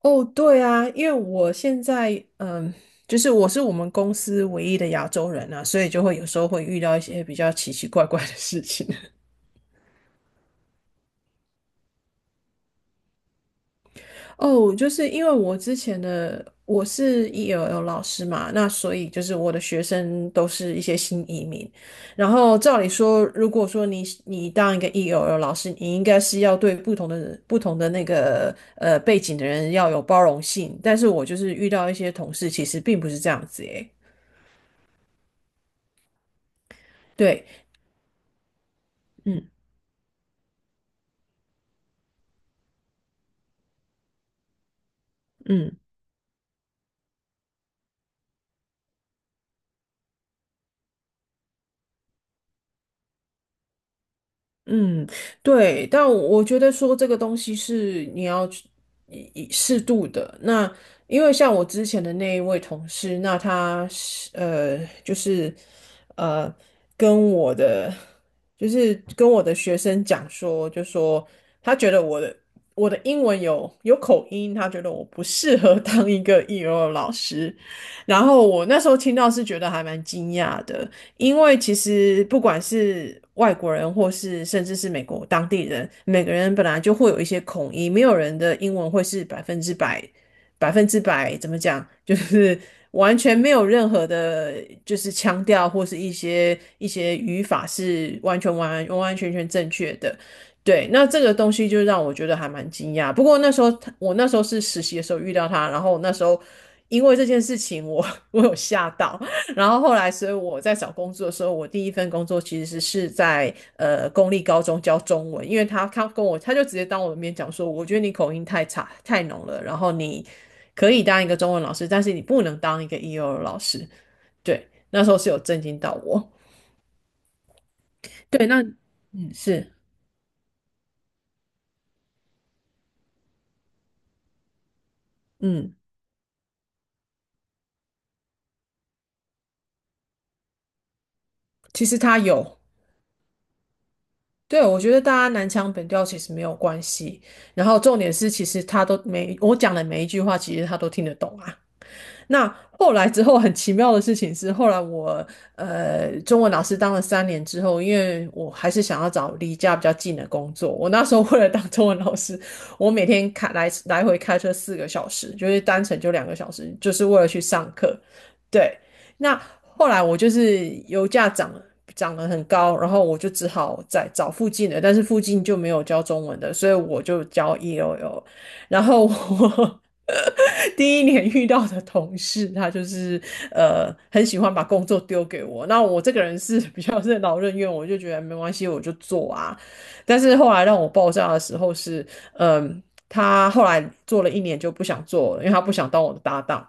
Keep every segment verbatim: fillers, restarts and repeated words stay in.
哦，对啊，因为我现在嗯，就是我是我们公司唯一的亚洲人啊，所以就会有时候会遇到一些比较奇奇怪怪的事情。哦，就是因为我之前的我是 E L L 老师嘛，那所以就是我的学生都是一些新移民。然后照理说，如果说你你当一个 E L L 老师，你应该是要对不同的人、不同的那个呃背景的人要有包容性。但是我就是遇到一些同事，其实并不是这样子诶。对。嗯。嗯嗯，对，但我觉得说这个东西是你要去以以适度的。那因为像我之前的那一位同事，那他是呃，就是呃，跟我的就是跟我的学生讲说，就说他觉得我的我的英文有有口音，他觉得我不适合 当一个 E L 老师。然后我那时候听到是觉得还蛮惊讶的。因为其实不管是外国人，或是甚至是美国当地人，每个人本来就会有一些口音，没有人的英文会是百分之百，百分之百怎么讲，就是完全没有任何的，就是腔调或是一些一些语法是完全完完完全全正确的。对，那这个东西就让我觉得还蛮惊讶。不过那时候我那时候是实习的时候遇到他，然后那时候因为这件事情我，我有吓到，然后后来，所以我在找工作的时候，我第一份工作其实是是在呃公立高中教中文，因为他他跟我他就直接当我的面讲说，我觉得你口音太差太浓了，然后你可以当一个中文老师，但是你不能当一个 E O 老师。对，那时候是有震惊到我。对，那嗯是嗯，其实他有。对，我觉得大家南腔北调其实没有关系，然后重点是，其实他都每我讲的每一句话，其实他都听得懂啊。那后来之后很奇妙的事情是，后来我呃中文老师当了三年之后，因为我还是想要找离家比较近的工作，我那时候 为了当中文老师，我每天开来来回开车四个小时，就是单程就两个小时，就是为了去上课。对，那后来我就是油价涨了。涨得很高，然后我就只好在找附近的，但是附近就没有教中文的，所以我就教 E L L。然后我 第一年遇到的同事，他就是呃很喜欢把工作丢给我。那我这个人是比较任劳任怨，我就觉得没关系，我就做啊。但是后来让我爆炸的时候是，嗯、他后来做了一年就不想做了，因为他不想当我的搭档。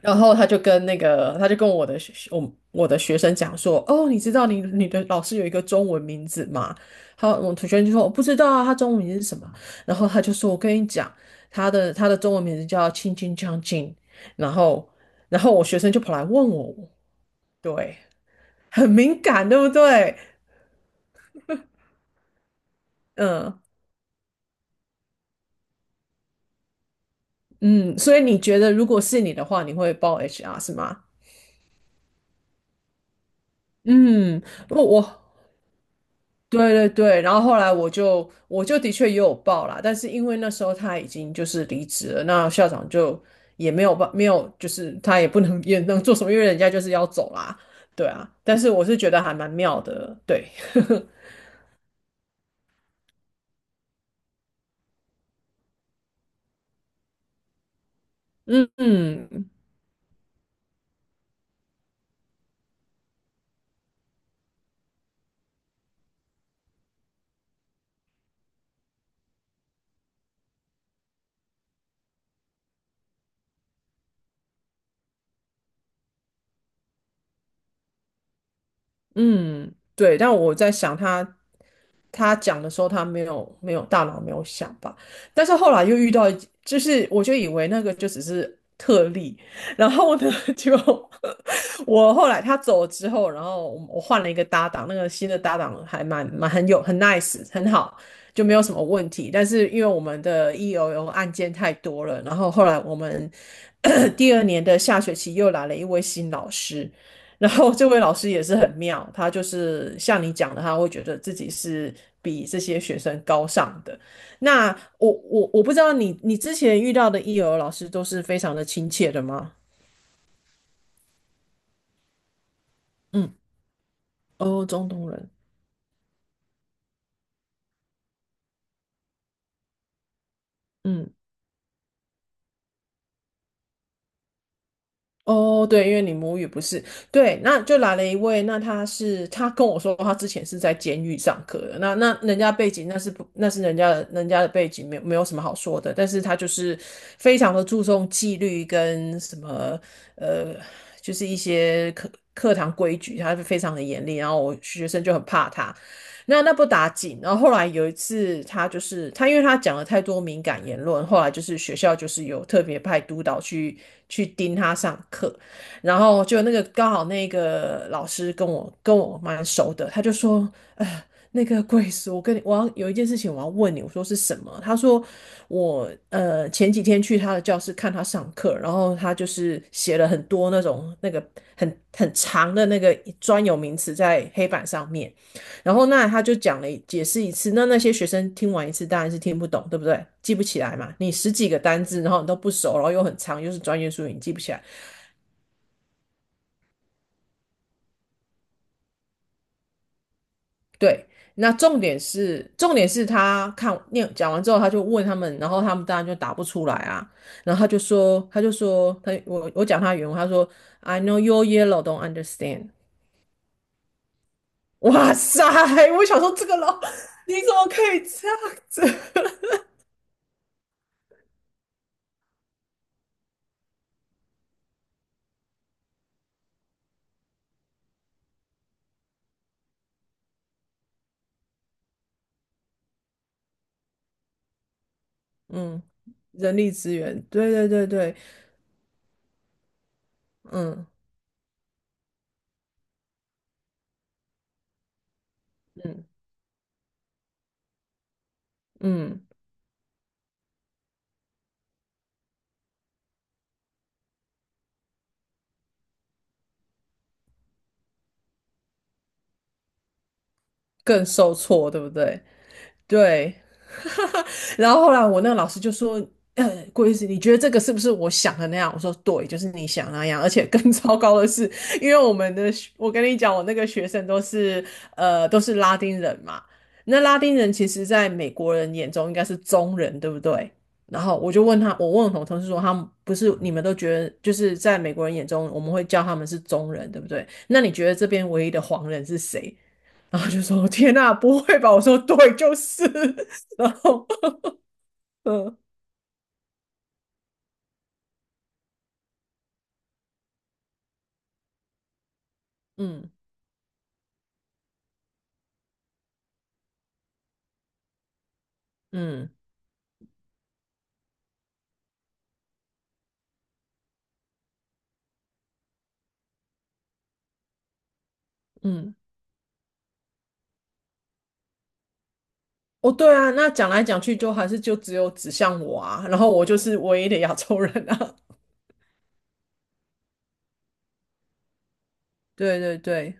然后他就跟那个，他就跟我的学我我的学生讲说，哦，你知道你你的老师有一个中文名字吗？他我同学就说我不知道啊，他中文名字是什么？然后他就说，我跟你讲，他的他的中文名字叫青青将近。然后然后我学生就跑来问我，对，很敏感，对不对？嗯嗯，所以你觉得如果是你的话，你会报 H R 是吗？嗯，我我对对对，然后后来我就我就的确也有报啦，但是因为那时候他已经就是离职了，那校长就也没有办没有，就是他也不能 也能做什么，因为人家就是要走啦，对啊，但是我是觉得还蛮妙的，对。嗯嗯嗯，对，但我在想他，他讲的时候，他没有没有大脑没有想吧，但是后来又遇到就是我就以为那个就只是特例，然后呢，就 我后来他走了之后，然后我我换了一个搭档，那个新的搭档还蛮蛮很有很 nice 很好，就没有什么问题。但是因为我们的 E O L 案件太多了，然后后来我们 第二年的下学期又来了一位新老师，然后这位老师也是很妙，他就是像你讲的，他会觉得自己是比这些学生高尚的。那我我我不知道你你之前遇到的幼儿老师都是非常的亲切的吗？嗯，哦，中东人，嗯。哦，对，因为你母语不是，对，那就来了一位，那他是他跟我说他之前是在监狱上课的，那那人家背景那是不那是人家的人家的背景没有没有什么好说的，但是他就是非常的注重纪律跟什么呃，就是一些课课堂规矩，他是非常的严厉，然后我学生就很怕他，那那不打紧，然后后来有一次，他就是他，因为他讲了太多敏感言论，后来就是学校就是有特别派督导去去盯他上课，然后就那个刚好那个老师跟我跟我蛮熟的，他就说，呃，那个贵叔，我跟你我要有一件事情我要问你，我说是什么？他说我呃前几天去他的教室看他上课，然后他就是写了很多那种那个很很长的那个专有名词在黑板上面。然后那他就讲了解释一次，那那些学生听完一次当然是听不懂，对不对？记不起来嘛，你十几个单字，然后你都不熟，然后又很长，又是专业术语，你记不起来。对，那重点是重点是他看念讲完之后，他就问他们，然后他们当然就答不出来啊。然后他就说，他就说，他我我讲他的原文，他说 I know your yellow don't understand。哇塞，我想说这个老你怎么可以这样子？嗯，人力资源，对对对对，嗯。嗯嗯，更受挫，对不对？对。然后后来我那个老师就说："呃，郭医师，你觉得这个是不是我想的那样？"我说："对，就是你想那样。而且更 糟糕的是，因为我们的学我跟你讲，我那个学生都是呃都是拉丁人嘛。那拉丁人其实在美国人眼中应该是中人，对不对？"然后我就问他，我问我同事说，他们不是你们都觉得，就是在美国人眼中，我们会叫他们是中人，对不对？那你觉得这边唯一的黄人是谁？然后就说天呐，不会吧？我说对，就是。然后，嗯嗯嗯嗯，哦，对啊，那讲来讲去就还是就只有指向我啊，然后我就是唯一的亚洲人啊。对对对。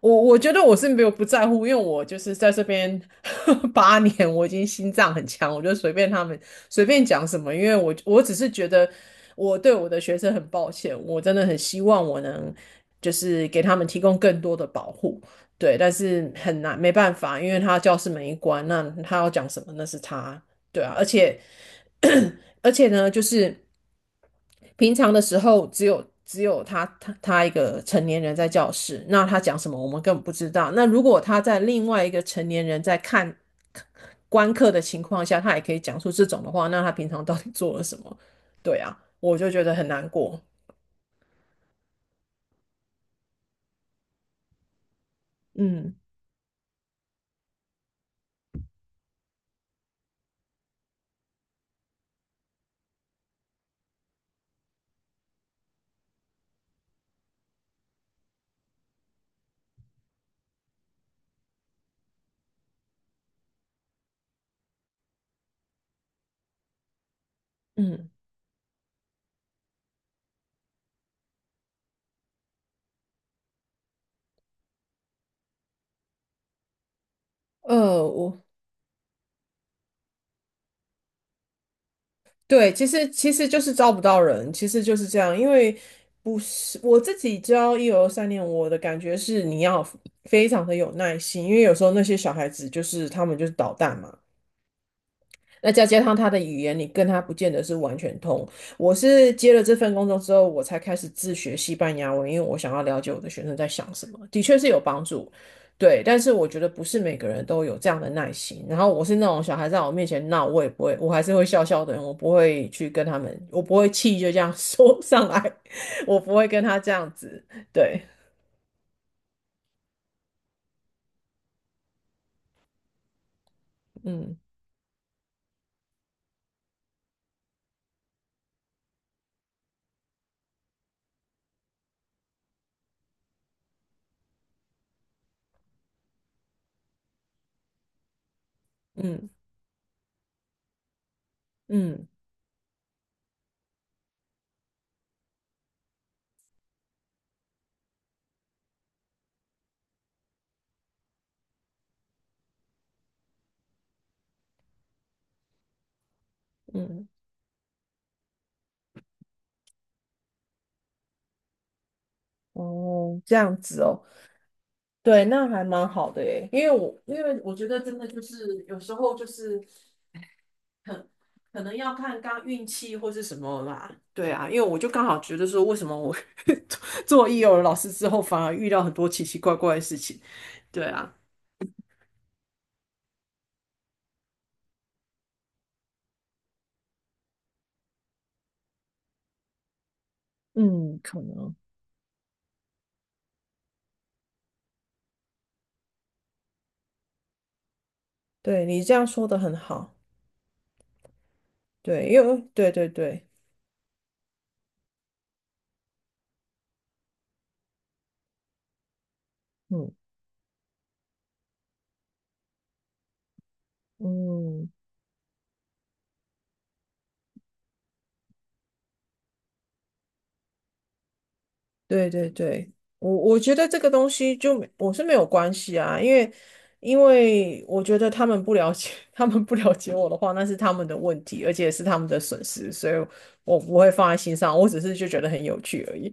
我我觉得我是没有不在乎，因为我就是在这边 八年，我已经心脏很强，我就随便他们随便讲什么，因为我我只是觉得我对我的学生很抱歉，我真的很希望我能就是给他们提供更多的保护，对，但是很难没办法，因为他教室门一关，那他要讲什么那是他，对啊，而且 而且呢，就是平常的时候只有只有他他他一个成年人在教室，那他讲什么我们根本不知道。那如果他在另外一个成年人在看观课的情况下，他也可以讲出这种的话，那他平常到底做了什么？对啊，我就觉得很难过。嗯嗯，呃，我对，其实其实就是招不到人，其实就是这样。因为不是我自己教一二三年，我的感觉是你要非常的有耐心，因为有时候那些小孩子就是他们就是捣蛋嘛，那再加上他的语言，你跟他不见得是完全通。我是接了这份工作之后，我才开始自学西班牙文，因为我想要了解我的学生在想什么，的确是有帮助。对，但是我觉得不是每个人都有这样的耐心。然后我是那种小孩在我面前闹，我也不会，我还是会笑笑的人，我不会去跟他们，我不会气就这样 说上来，我不会跟他这样子。对，嗯嗯嗯嗯，哦，这样子哦。对，那还蛮好的诶，因为我因为我觉得真的就是有时候就是很可能要看刚运气或是什么啦。对啊，因为我就刚好觉得说，为什么我 做一友老师之后，反而遇到很多奇奇怪怪的事情。对啊，嗯，可能。对你这样说的很好。对，因为对对对，嗯嗯，对对对，我我觉得这个东西就没我是没有关系啊，因为因为我觉得他们不了解，他们不了解我的话，那是他们的问题，而且是他们的损失，所以我不会放在心上，我只是就觉得很有趣而已。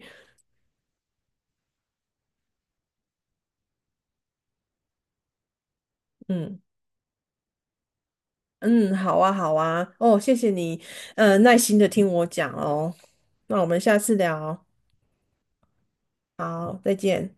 嗯嗯，好啊好啊，哦，谢谢你，呃，耐心的听我讲哦，那我们下次聊，好，再见。